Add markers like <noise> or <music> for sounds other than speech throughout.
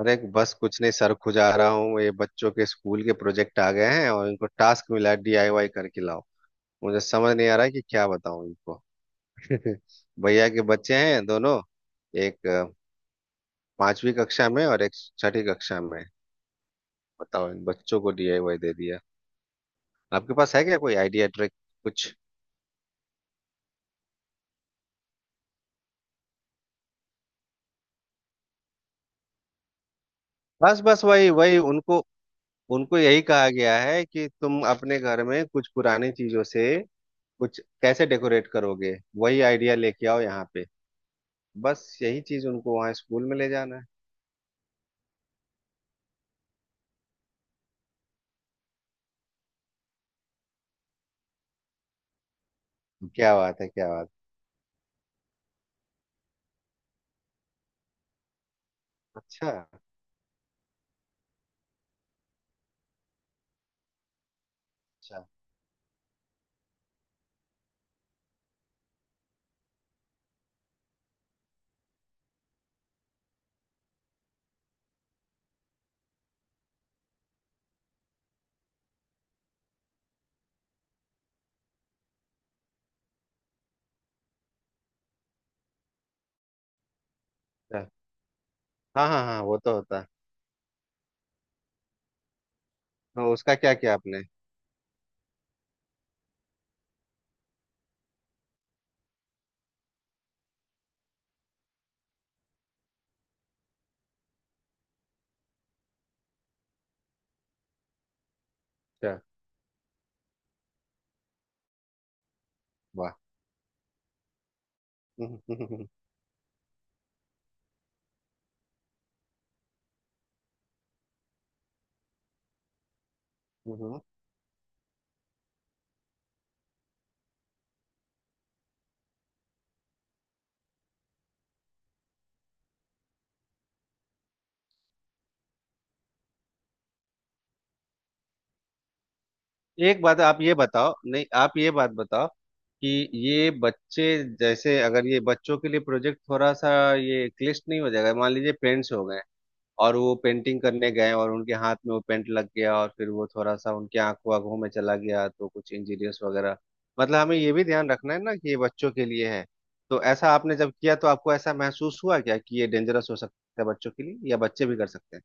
अरे बस कुछ नहीं सर, खुजा रहा हूँ। ये बच्चों के स्कूल के प्रोजेक्ट आ गए हैं और इनको टास्क मिला है, डीआईवाई करके लाओ। मुझे समझ नहीं आ रहा है कि क्या बताऊँ इनको। <laughs> भैया के बच्चे हैं दोनों। एक पांचवी कक्षा में और एक छठी कक्षा में। बताओ, इन बच्चों को डीआईवाई दे दिया। आपके पास है क्या कोई आइडिया, ट्रिक, कुछ? बस बस वही वही, उनको उनको यही कहा गया है कि तुम अपने घर में कुछ पुरानी चीजों से कुछ कैसे डेकोरेट करोगे। वही आइडिया लेके आओ यहाँ पे। बस यही चीज उनको वहाँ स्कूल में ले जाना है। क्या बात है, क्या बात। अच्छा अच्छा अच्छा। हाँ हाँ हाँ, वो तो होता है। हाँ, उसका क्या किया आपने? अच्छा। वाह। <laughs> हम्म। हम्म। एक बात आप ये बताओ, नहीं आप ये बात बताओ कि ये बच्चे, जैसे अगर ये बच्चों के लिए प्रोजेक्ट थोड़ा सा ये क्लिष्ट नहीं हो जाएगा? मान लीजिए पेरेंट्स हो गए और वो पेंटिंग करने गए और उनके हाथ में वो पेंट लग गया और फिर वो थोड़ा सा उनके आंखों आंखों में चला गया तो कुछ इंजीरियस वगैरह। मतलब हमें ये भी ध्यान रखना है ना कि ये बच्चों के लिए है। तो ऐसा आपने जब किया तो आपको ऐसा महसूस हुआ क्या कि ये डेंजरस हो सकता है बच्चों के लिए, या बच्चे भी कर सकते हैं?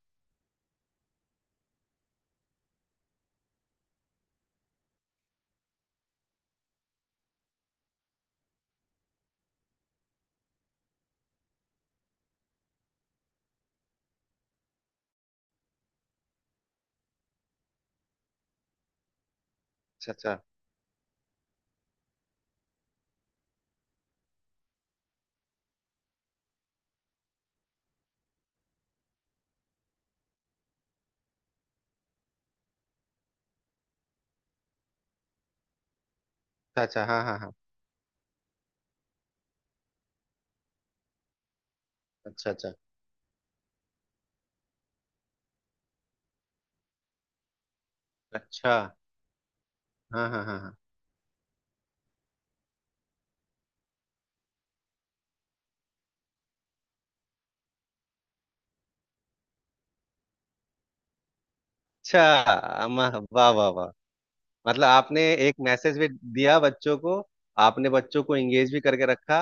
अच्छा अच्छा अच्छा अच्छा, हाँ हाँ हाँ। अच्छा अच्छा अच्छा अच्छा, हाँ हाँ हाँ हाँ। अच्छा। अम्मा, वाह वाह वाह। मतलब आपने एक मैसेज भी दिया बच्चों को। आपने बच्चों को एंगेज भी करके रखा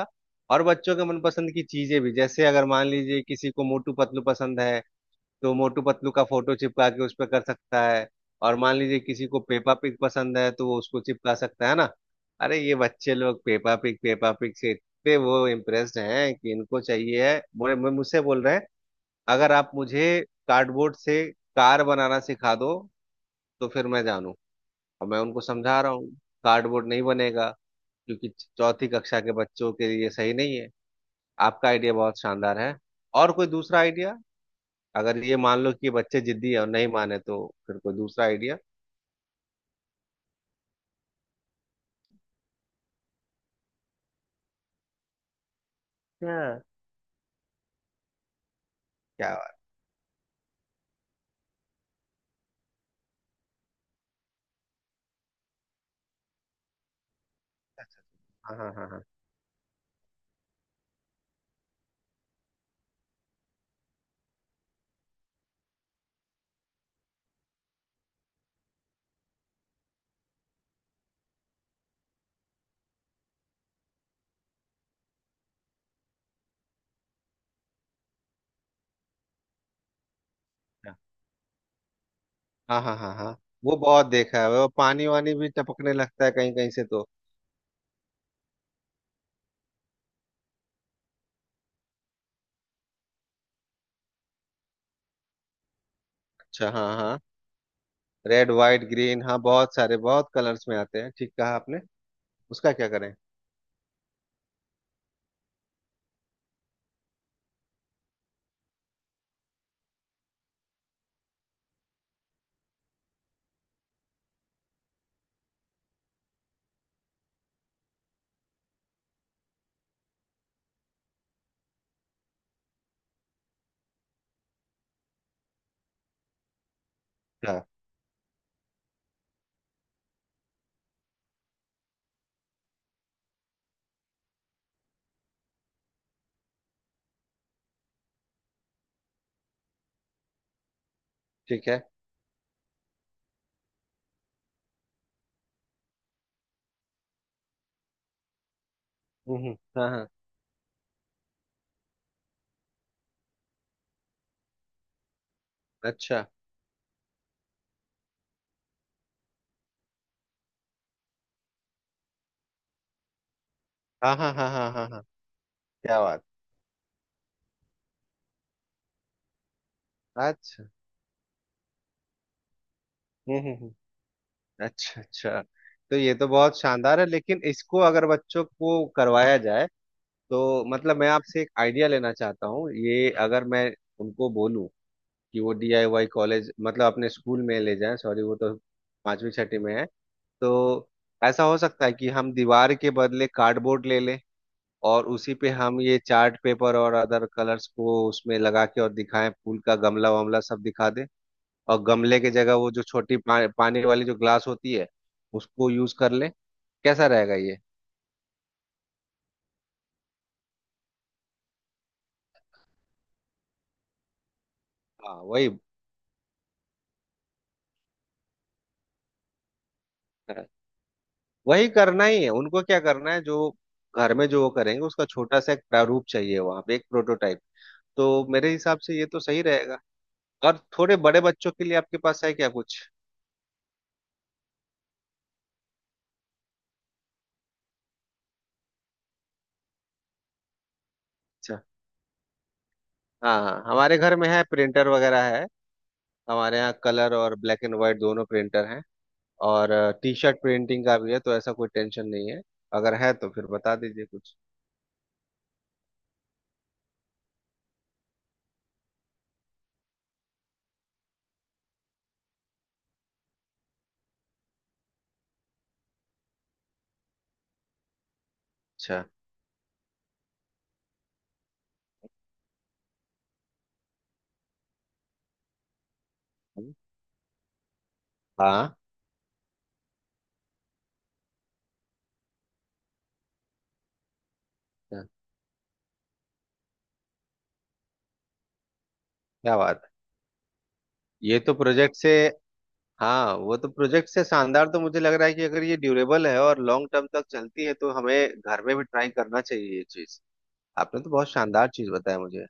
और बच्चों के मनपसंद की चीजें भी, जैसे अगर मान लीजिए किसी को मोटू पतलू पसंद है तो मोटू पतलू का फोटो चिपका के उस पर कर सकता है और मान लीजिए किसी को पेपा पिग पसंद है तो वो उसको चिपका सकता है ना। अरे ये बच्चे लोग पेपा पिग से इतने वो इम्प्रेस्ड हैं कि इनको चाहिए है, बोले मुझसे बोल रहे हैं, अगर आप मुझे कार्डबोर्ड से कार बनाना सिखा दो तो फिर मैं जानूंगा। और मैं उनको समझा रहा हूँ कार्डबोर्ड नहीं बनेगा क्योंकि चौथी कक्षा के बच्चों के लिए सही नहीं है। आपका आइडिया बहुत शानदार है। और कोई दूसरा आइडिया? अगर ये मान लो कि ये बच्चे जिद्दी है और नहीं माने तो फिर कोई दूसरा आइडिया? हाँ, क्या बात है? हाँ हाँ हाँ हाँ हाँ हाँ हाँ हाँ, वो बहुत देखा है। वो पानी वानी भी टपकने लगता है कहीं कहीं से तो। अच्छा, हाँ हाँ। रेड वाइट ग्रीन, हाँ बहुत सारे बहुत कलर्स में आते हैं, ठीक कहा आपने। उसका क्या करें? हाँ ठीक है। हाँ हाँ। अच्छा, हाँ हाँ हाँ हाँ हाँ हाँ। क्या बात। अच्छा। हम्म हम्म हम्म। अच्छा अच्छा। तो ये तो बहुत शानदार है, लेकिन इसको अगर बच्चों को करवाया जाए तो, मतलब मैं आपसे एक आइडिया लेना चाहता हूँ। ये अगर मैं उनको बोलूँ कि वो डीआईवाई कॉलेज मतलब अपने स्कूल में ले जाएं, सॉरी वो तो पांचवी छठी में है। तो ऐसा हो सकता है कि हम दीवार के बदले कार्डबोर्ड ले लें और उसी पे हम ये चार्ट पेपर और अदर कलर्स को उसमें लगा के और दिखाएं, फूल का गमला वमला सब दिखा दें और गमले की जगह वो जो छोटी पानी वाली जो ग्लास होती है उसको यूज कर ले। कैसा रहेगा ये? हाँ वही। वही करना ही है उनको, क्या करना है, जो घर में जो वो करेंगे उसका छोटा सा एक प्रारूप चाहिए वहां पे, एक प्रोटोटाइप। तो मेरे हिसाब से ये तो सही रहेगा। और थोड़े बड़े बच्चों के लिए आपके पास है क्या कुछ? अच्छा, हाँ हाँ, हमारे घर में है, प्रिंटर वगैरह है। हमारे यहाँ कलर और ब्लैक एंड व्हाइट दोनों प्रिंटर हैं और टी शर्ट प्रिंटिंग का भी है तो ऐसा कोई टेंशन नहीं है। अगर है तो फिर बता दीजिए कुछ। अच्छा हाँ हाँ, क्या बात है। ये तो प्रोजेक्ट से, हाँ वो तो प्रोजेक्ट से शानदार तो मुझे लग रहा है कि अगर ये ड्यूरेबल है और लॉन्ग टर्म तक चलती है तो हमें घर में भी ट्राई करना चाहिए ये चीज। आपने तो बहुत शानदार चीज बताया मुझे।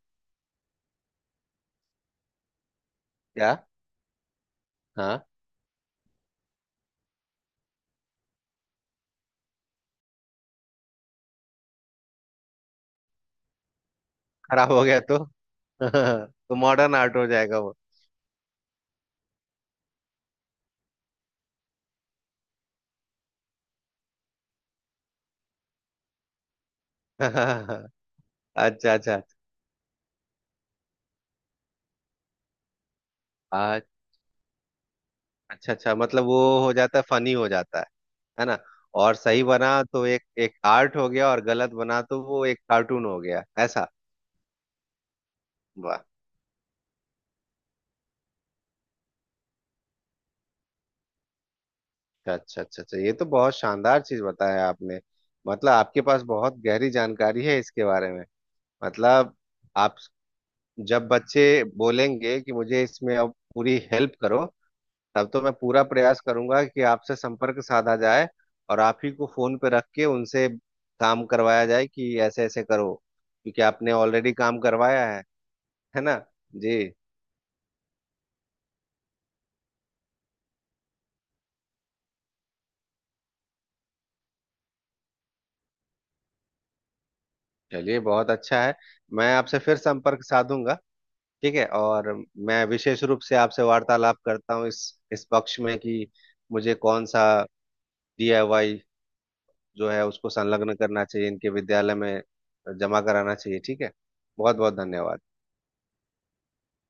क्या? हाँ, खराब हो गया तो <laughs> तो मॉडर्न आर्ट हो जाएगा वो। <laughs> अच्छा अच्छा। आ- अच्छा अच्छा, मतलब वो हो जाता है, फनी हो जाता है। है ना? और सही बना तो एक एक आर्ट हो गया और गलत बना तो वो एक कार्टून हो गया, ऐसा। वाह। अच्छा अच्छा अच्छा, ये तो बहुत शानदार चीज बताया आपने। मतलब आपके पास बहुत गहरी जानकारी है इसके बारे में। मतलब आप, जब बच्चे बोलेंगे कि मुझे इसमें अब पूरी हेल्प करो तब तो मैं पूरा प्रयास करूंगा कि आपसे संपर्क साधा जाए और आप ही को फोन पे रख के उनसे काम करवाया जाए कि ऐसे ऐसे करो, क्योंकि आपने ऑलरेडी काम करवाया है। है ना जी? चलिए बहुत अच्छा है। मैं आपसे फिर संपर्क साधूंगा, ठीक है। और मैं विशेष रूप से आपसे वार्तालाप करता हूँ इस पक्ष में कि मुझे कौन सा डीआईवाई जो है उसको संलग्न करना चाहिए, इनके विद्यालय में जमा कराना चाहिए, ठीक है। बहुत बहुत धन्यवाद।